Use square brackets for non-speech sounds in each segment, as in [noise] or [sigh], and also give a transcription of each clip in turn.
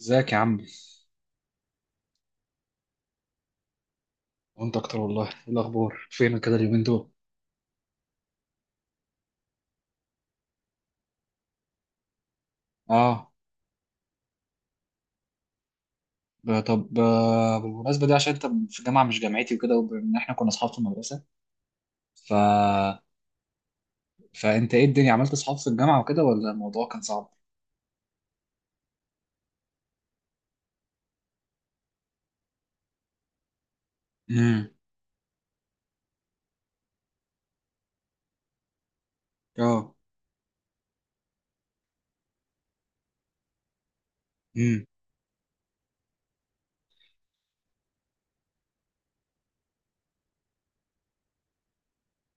ازيك يا عم؟ وانت اكتر والله. ايه الاخبار؟ فينك كده اليومين دول؟ اه. طب، بالمناسبه، دي عشان انت في جامعه مش جامعتي وكده، وان احنا كنا اصحاب في المدرسه، ف فانت ايه الدنيا؟ عملت اصحاب في الجامعه وكده، ولا الموضوع كان صعب؟ امم. اه. امم.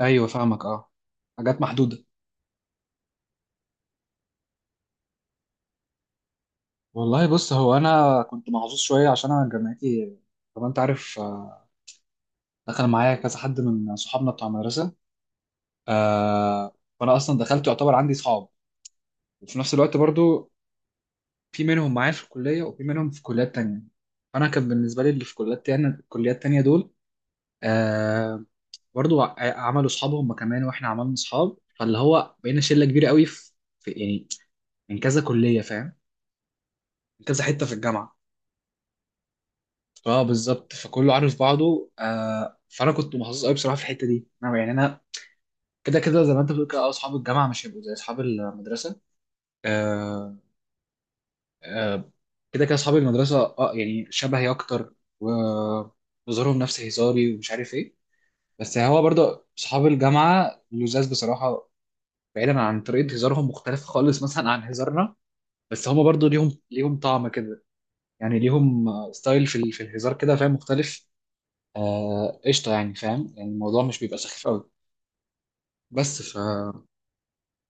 ايوه فاهمك، اه. حاجات محدوده. والله بص، هو انا كنت محظوظ شويه عشان انا جامعتي. طبعا انت عارف. دخل معايا كذا حد من صحابنا بتوع المدرسه. آه، فانا اصلا دخلت يعتبر عندي صحاب، وفي نفس الوقت برضو في منهم معايا في الكلية وفي منهم في كليات تانية. فأنا كان بالنسبة لي اللي في كليات تانية، الكليات التانية دول آه برضو عملوا أصحاب هم كمان، وإحنا عملنا أصحاب. فاللي هو بقينا شلة كبيرة قوي في في- يعني من كذا كلية، فاهم؟ من كذا حتة في الجامعة. اه، بالظبط. فكله عارف بعضه. فأنا كنت محظوظ قوي بصراحة في الحتة دي. أنا يعني أنا كده كده زي ما أنت بتقول كده. أصحاب الجامعة مش هيبقوا زي أصحاب المدرسة. آه كده كده اصحاب المدرسه، يعني شبهي اكتر، وظهورهم نفس هزاري ومش عارف ايه. بس هو برضه اصحاب الجامعه لزاز بصراحه، بعيدا عن طريقه هزارهم مختلفه خالص [laughs] مثلا عن هزارنا. بس هما برضه ليهم طعم كده. يعني ليهم ستايل في في الهزار كده، فاهم؟ مختلف. قشطه. يعني فاهم، يعني الموضوع مش بيبقى سخيف قوي. بس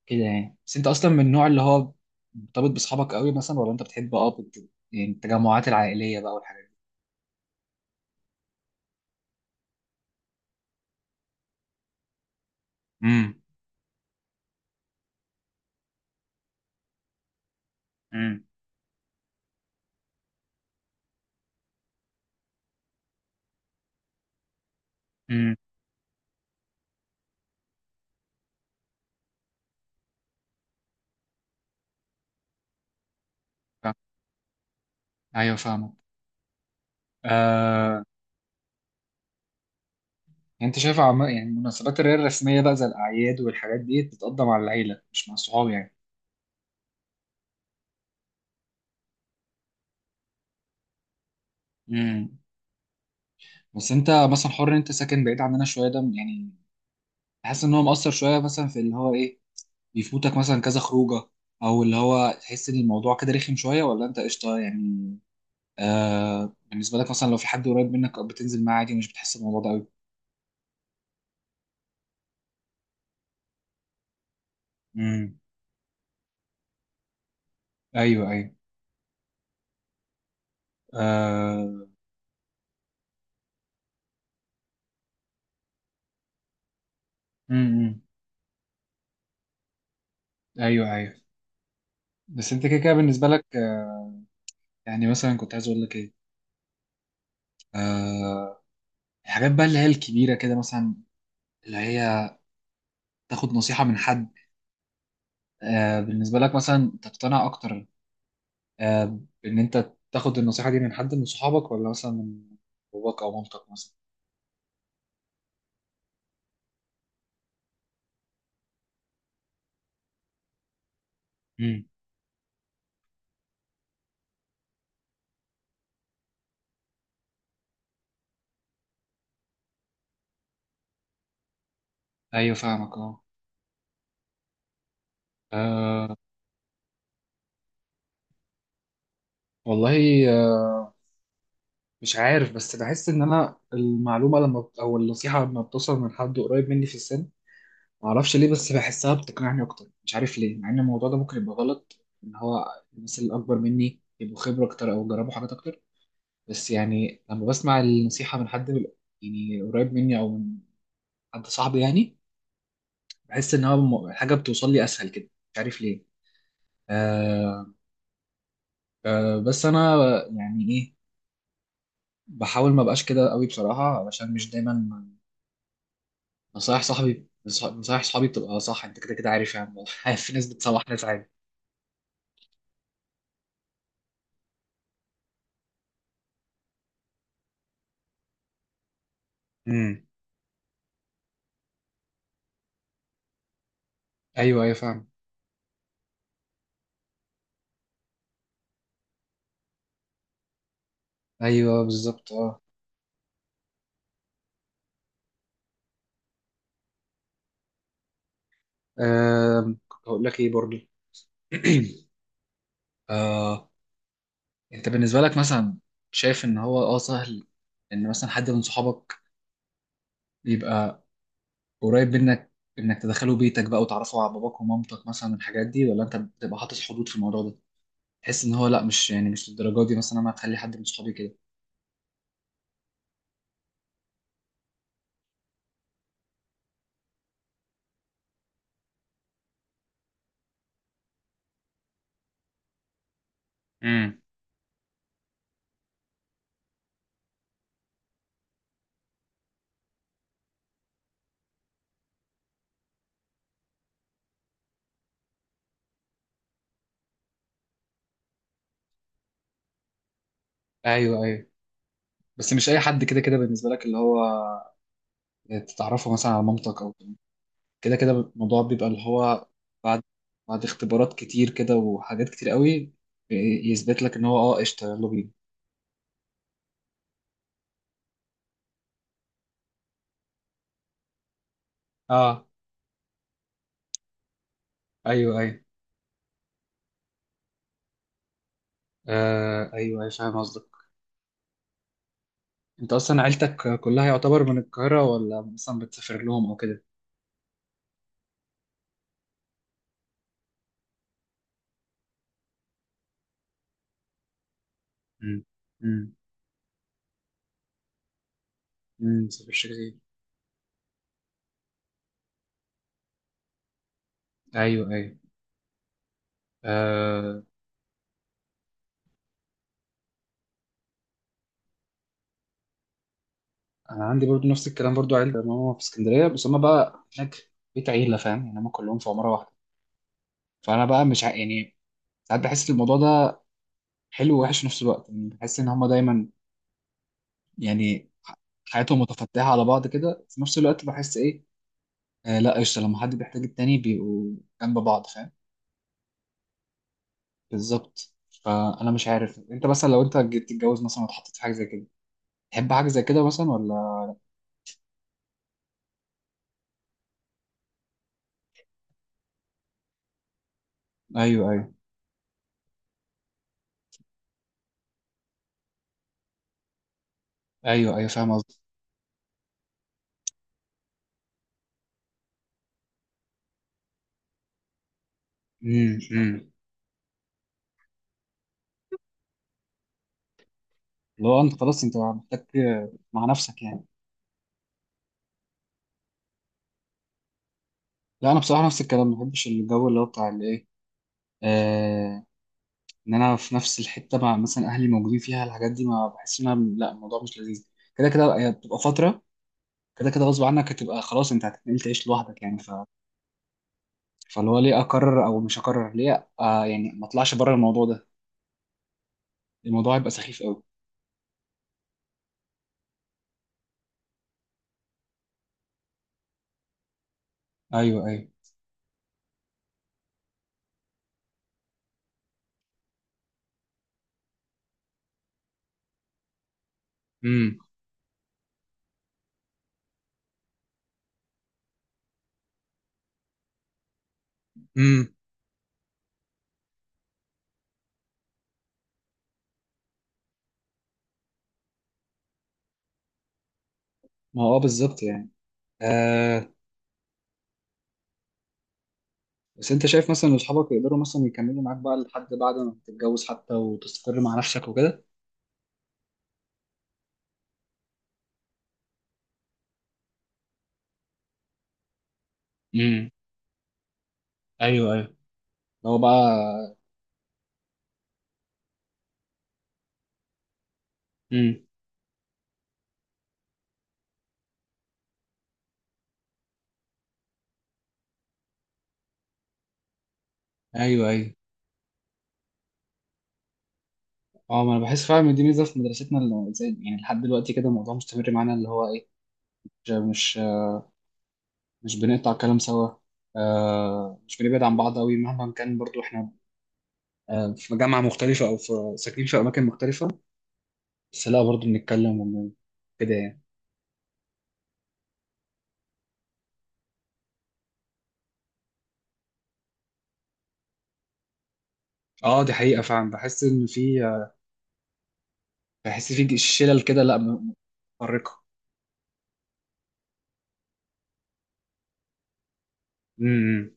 كده يعني. بس انت اصلا من النوع اللي هو مرتبط باصحابك قوي مثلا، ولا انت بتحب يعني التجمعات العائليه بقى والحاجات دي؟ امم. ايوه فاهمك. آه. انت شايف يعني مناسبات اللي هي الرسميه بقى زي الاعياد والحاجات دي بتتقدم مع العيله مش مع الصحاب يعني؟ امم. بس انت مثلا حر، إن انت ساكن بعيد عننا شويه، ده يعني تحس ان هو مأثر شويه مثلا في اللي هو ايه، بيفوتك مثلا كذا خروجه؟ او اللي هو تحس ان الموضوع كده رخم شويه، ولا انت قشطه يعني؟ آه، بالنسبه لك مثلا لو في حد قريب منك بتنزل معاه عادي، مش بتحس بالموضوع ده قوي؟ امم. ايوه، ايوه. آه... امم. ايوه، ايوه. بس انت كده كده بالنسبه لك، يعني مثلا كنت عايز اقول لك ايه، آه الحاجات بقى اللي هي الكبيره كده مثلا، اللي هي تاخد نصيحه من حد، بالنسبه لك مثلا تقتنع اكتر، بان انت تاخد النصيحه دي من حد من صحابك، ولا مثلا من باباك او مامتك مثلا؟ امم. ايوه فاهمك، اه. آه، والله، آه مش عارف، بس بحس ان انا المعلومه او النصيحه لما بتوصل من حد قريب مني في السن، معرفش ليه بس بحسها بتقنعني اكتر، مش عارف ليه. مع ان الموضوع ده ممكن يبقى غلط، ان هو الناس اللي اكبر مني يبقوا خبره اكتر او جربوا حاجات اكتر. بس يعني لما بسمع النصيحه من حد يعني قريب مني، او من حد صاحبي يعني، بحس ان هو الحاجه بتوصل لي اسهل كده، مش عارف ليه. آه بس انا يعني ايه، بحاول ما بقاش كده قوي بصراحه، علشان مش دايما نصايح صاحبي نصايح صحابي بتبقى صح. انت كده كده عارف يعني [laughs] عارف، في ناس بتصلح، ناس عادي. امم. ايوه، ايوه، فاهم. ايوه بالظبط، اه. كنت هقول لك ايه برضه. [clears throat] آه انت بالنسبه لك مثلا، شايف ان هو سهل ان مثلا حد من صحابك يبقى قريب منك، انك تدخله بيتك بقى وتعرفه على باباك ومامتك مثلا، الحاجات دي، ولا انت بتبقى حاطط حدود في الموضوع ده؟ تحس ان هو لا، مش يعني مش للدرجه دي مثلا، انا هتخلي حد من صحابي كده؟ امم. ايوه، ايوه. بس مش اي حد كده كده بالنسبه لك، اللي هو تتعرفه مثلا على مامتك، او كده كده الموضوع بيبقى اللي هو بعد بعد اختبارات كتير كده، وحاجات كتير قوي يثبت لك ان هو قشطه، يلا بينا. اه. ايوه، ايوه. آه، ايوه، أيوة، فاهم قصدك. انت اصلا عيلتك كلها يعتبر من القاهره، ولا مثلا بتسافر لهم او كده؟ امم. امم. امم، مسافرش كتير. ايوه، ايوه. آه انا عندي برضو نفس الكلام. برضو عيلة ماما في اسكندريه، بس هما بقى هناك بيت عيله، فاهم يعني؟ هما كلهم في عماره واحده. فانا بقى مش يعني ساعات بحس الموضوع ده حلو ووحش في نفس الوقت. يعني بحس ان هما دايما يعني ح- حياتهم متفتحه على بعض كده. في نفس الوقت بحس ايه، آه، لا، قشطه، لما حد بيحتاج التاني بيبقوا جنب بعض، فاهم؟ بالظبط. فانا مش عارف، انت مثلا لو انت جيت تتجوز مثلا واتحطيت في حاجه زي كده، تحب حاجه زي كده مثلا، ولا؟ ايوه، ايوه، ايوه، ايوه، فاهم قصدي. امم، امم. لو انت خلاص، انت محتاج مع نفسك يعني؟ لا انا بصراحه نفس الكلام. ما بحبش الجو اللي هو بتاع الايه، ان انا في نفس الحته مع مثلا اهلي موجودين فيها، الحاجات دي ما بحس انها، لا، الموضوع مش لذيذ. كده كده هي بتبقى فتره. كده كده غصب عنك هتبقى خلاص انت هتتنقل تعيش لوحدك يعني. فاللي هو ليه اقرر او مش اقرر؟ ليه يعني ما اطلعش بره الموضوع ده؟ الموضوع هيبقى سخيف قوي. ايوه، ايوه. امم، امم. ما هو اه بالظبط يعني. آه بس انت شايف مثلا ان اصحابك يقدروا مثلا يكملوا معاك بقى لحد بعد ما تتجوز حتى، وتستقر مع نفسك وكده؟ امم. ايوه، ايوه. هو بقى. امم. ايوه، ايوه. اه، ما انا بحس فعلا ان دي ميزه في مدرستنا، اللي زي يعني لحد دلوقتي كده الموضوع مستمر معانا اللي هو ايه، مش مش مش بنقطع كلام سوا. مش بنبعد عن بعض قوي مهما كان. برضو احنا في جامعه مختلفه او في ساكنين في اماكن مختلفه، بس لا، برضو بنتكلم كده يعني. اه، دي حقيقه فعلا. بحس ان في بحس في شلل كده، لا متفرقه. امم.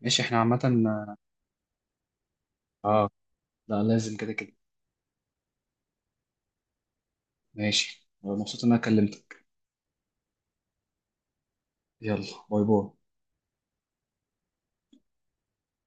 ماشي، احنا عامه، اه. لا لازم كده كده. ماشي، مبسوط ان انا كلمتك. يلا، باي باي.